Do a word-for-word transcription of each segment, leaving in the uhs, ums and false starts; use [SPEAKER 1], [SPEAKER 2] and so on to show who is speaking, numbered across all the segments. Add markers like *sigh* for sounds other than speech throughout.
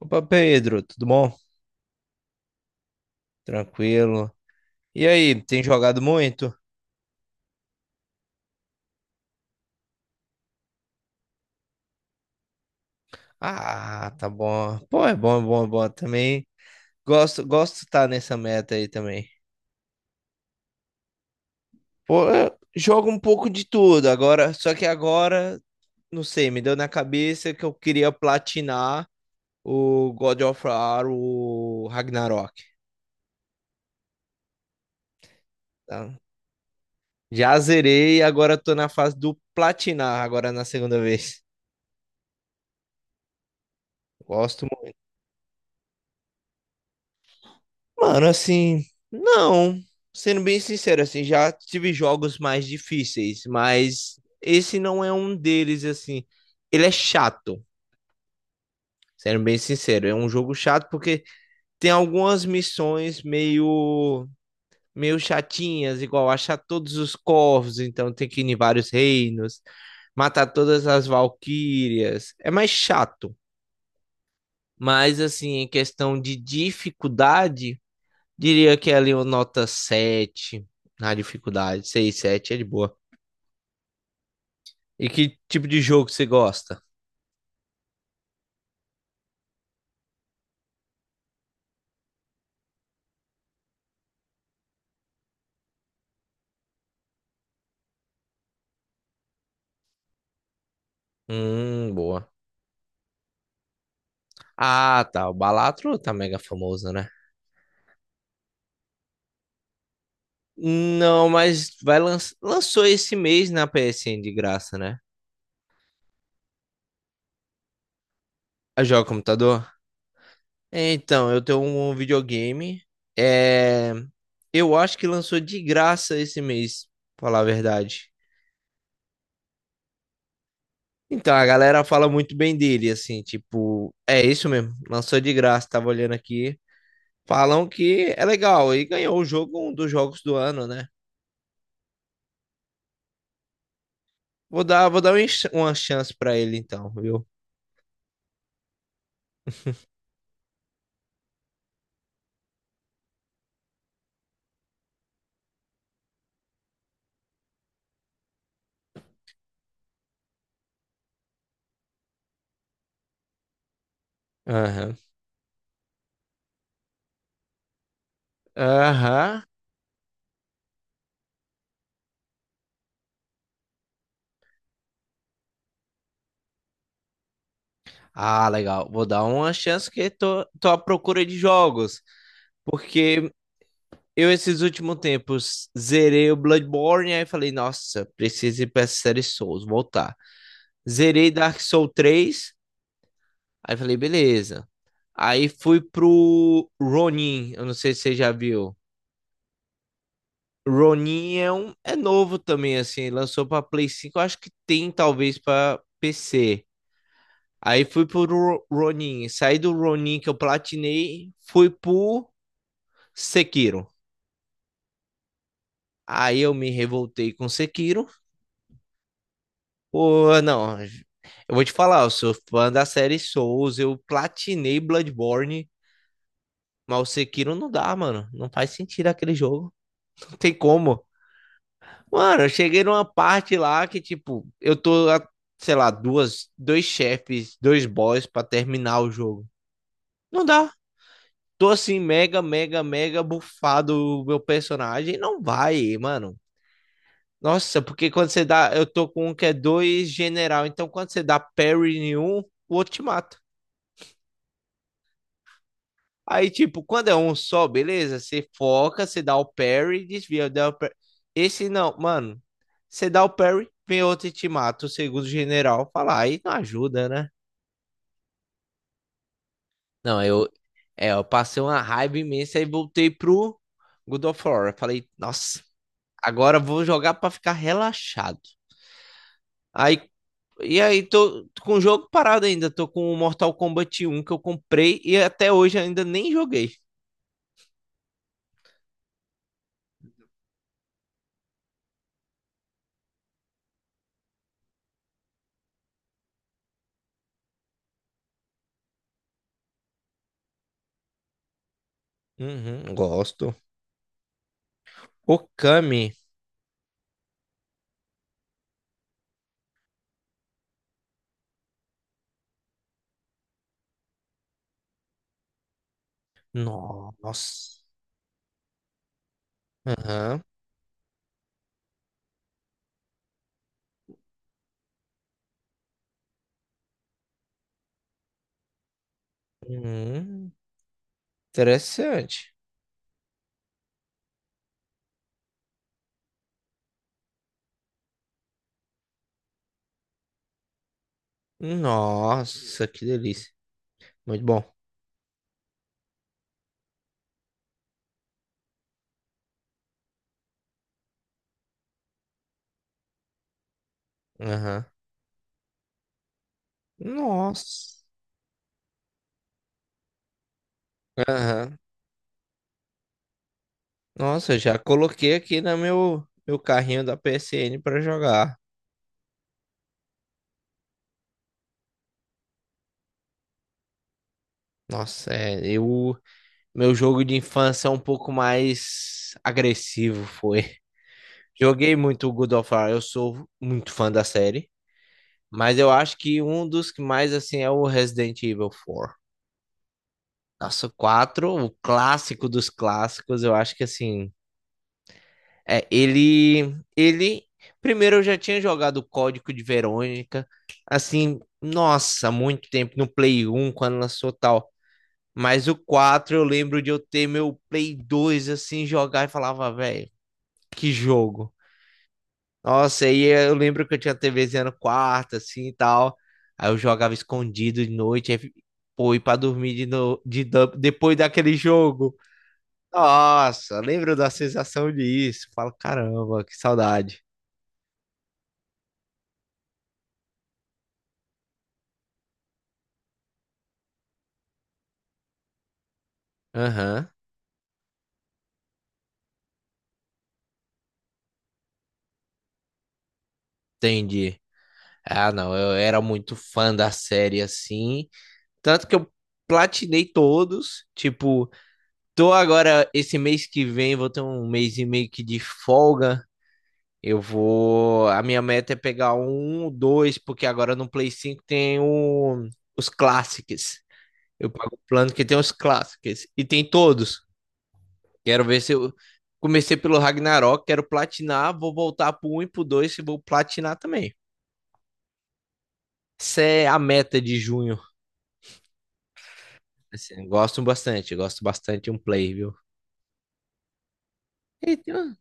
[SPEAKER 1] Opa, Pedro, tudo bom? Tranquilo. E aí, tem jogado muito? Ah, tá bom. Pô, é bom, é bom, é bom. Também gosto, gosto de estar nessa meta aí também. Pô, eu jogo um pouco de tudo agora, só que agora, não sei, me deu na cabeça que eu queria platinar o God of War, o Ragnarok, tá? Já zerei, agora tô na fase do platinar agora na segunda vez. Gosto Mano, assim, não. Sendo bem sincero, assim, já tive jogos mais difíceis, mas esse não é um deles, assim. Ele é chato, sendo bem sincero. É um jogo chato porque tem algumas missões meio, meio chatinhas, igual achar todos os corvos, então tem que ir em vários reinos, matar todas as valquírias. É mais chato. Mas, assim, em questão de dificuldade. Diria que é ali uma nota sete na dificuldade. Seis sete é de boa. E que tipo de jogo você gosta? Hum, boa. Ah, tá. O Balatro tá mega famoso, né? Não, mas vai lan... lançou esse mês na P S N de graça, né? A joga computador? Então, eu tenho um videogame. É... Eu acho que lançou de graça esse mês, pra falar a verdade. Então, a galera fala muito bem dele, assim, tipo, é isso mesmo, lançou de graça, tava olhando aqui. Falam que é legal e ganhou o jogo um dos jogos do ano, né? Vou dar, vou dar um enx- uma chance pra ele então, viu? Aham. Aham. Ah, legal. Vou dar uma chance que tô, tô à procura de jogos, porque eu esses últimos tempos zerei o Bloodborne aí falei, nossa, preciso ir pra essa série Souls, voltar. Zerei Dark Souls três aí falei, beleza. Aí fui pro Ronin, eu não sei se você já viu. Ronin é, um, é novo também, assim, lançou pra Play cinco eu acho que tem talvez pra P C. Aí fui pro Ro- Ronin, saí do Ronin que eu platinei, fui pro Sekiro. Aí eu me revoltei com Sekiro. Pô, não, eu vou te falar, eu sou fã da série Souls, eu platinei Bloodborne, mas o Sekiro não dá, mano, não faz sentido aquele jogo, não tem como. Mano, eu cheguei numa parte lá que, tipo, eu tô, a, sei lá, duas, dois chefes, dois boss pra terminar o jogo. Não dá. Tô assim, mega, mega, mega bufado o meu personagem. Não vai, mano. Nossa, porque quando você dá. Eu tô com um que é dois general. Então quando você dá parry em um, o outro te mata. Aí, tipo, quando é um só, beleza? Você foca, você dá o parry, desvia, dá o parry. Esse não, mano. Você dá o parry, vem outro e te mata. O segundo general fala, aí não ajuda, né? Não, eu, é, eu passei uma raiva imensa e voltei pro God of War. Eu falei, nossa, agora eu vou jogar pra ficar relaxado. Aí, e aí, tô, tô com o jogo parado ainda. Tô com o Mortal Kombat um que eu comprei e até hoje ainda nem joguei. Uhum, gosto. Okami. Nossa. Aham. Hum, interessante. Nossa, que delícia. Muito bom. Aham. Nossa. Aham. Nossa, eu já coloquei aqui no meu, meu carrinho da P S N para jogar. Nossa, é, eu, meu jogo de infância é um pouco mais agressivo, foi. Joguei muito o God of War, eu sou muito fã da série, mas eu acho que um dos que mais, assim, é o Resident Evil quatro. Nossa, o quatro, o clássico dos clássicos, eu acho que assim, é, ele ele primeiro eu já tinha jogado o Código de Verônica, assim, nossa, muito tempo no Play um, quando lançou tal, mas o quatro, eu lembro de eu ter meu Play dois, assim jogar e falava, velho, que jogo. Nossa, aí eu lembro que eu tinha TVzinha no quarto assim e tal. Aí eu jogava escondido de noite, aí, pô, e pra dormir de no, de, depois daquele jogo. Nossa, lembro da sensação disso. Falo, caramba, que saudade. Aham, entendi. Ah, não, eu era muito fã da série assim. Tanto que eu platinei todos. Tipo, tô agora, esse mês que vem, vou ter um mês e meio que de folga. Eu vou. A minha meta é pegar um, dois, porque agora no Play cinco tem o, os clássicos. Eu pago o plano que tem os clássicos. E tem todos. Quero ver se eu. Comecei pelo Ragnarok, quero platinar, vou voltar pro um e pro dois e vou platinar também. Essa é a meta de junho. Assim, gosto bastante, gosto bastante de um play, viu? E tem um-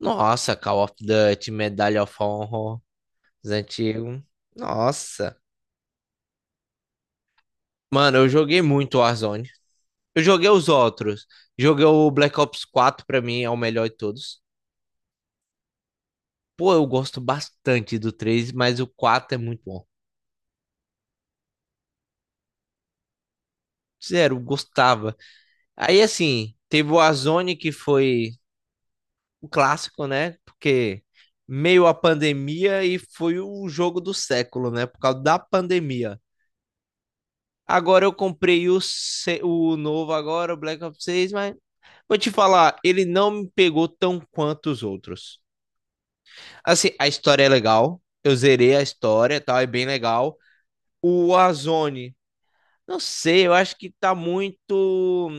[SPEAKER 1] Nossa, Call of Duty, Medalha of Honor, os antigos. Nossa. Mano, eu joguei muito Warzone. Eu joguei os outros. Joguei o Black Ops quatro pra mim, é o melhor de todos. Pô, eu gosto bastante do três, mas o quatro é muito bom. Sério, eu gostava. Aí, assim, teve o Azone que foi o clássico, né? Porque meio a pandemia e foi o jogo do século, né? Por causa da pandemia. Agora eu comprei o, se- o novo agora, o Black Ops seis, mas vou te falar, ele não me pegou tão quanto os outros. Assim, a história é legal, eu zerei a história, tal, é bem legal. O Azone, não sei, eu acho que tá muito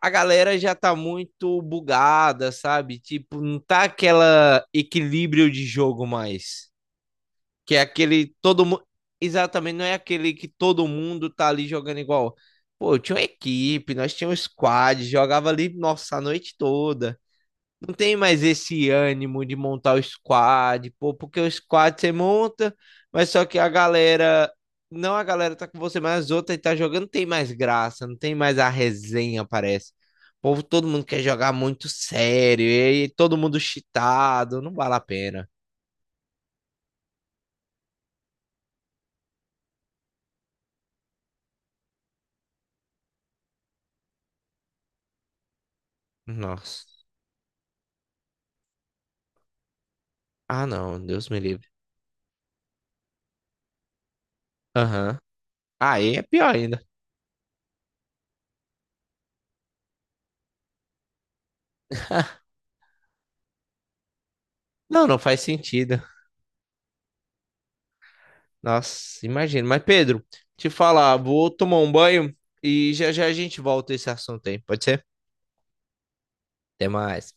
[SPEAKER 1] a galera já tá muito bugada, sabe? Tipo, não tá aquela equilíbrio de jogo mais. Que é aquele todo mundo. Exatamente, não é aquele que todo mundo tá ali jogando igual. Pô, eu tinha uma equipe, nós tínhamos squad, jogava ali, nossa, a noite toda. Não tem mais esse ânimo de montar o squad, pô, porque o squad você monta, mas só que a galera, não a galera tá com você, mas as outras que tá jogando tem mais graça, não tem mais a resenha, parece. O povo, todo mundo quer jogar muito sério, e aí todo mundo cheatado, não vale a pena. Nossa. Ah, não, Deus me livre. Aham. Aí é pior ainda. *laughs* Não, não faz sentido. Nossa, imagino. Mas, Pedro, te falar, vou tomar um banho e já já a gente volta a esse assunto aí. Pode ser? Até mais.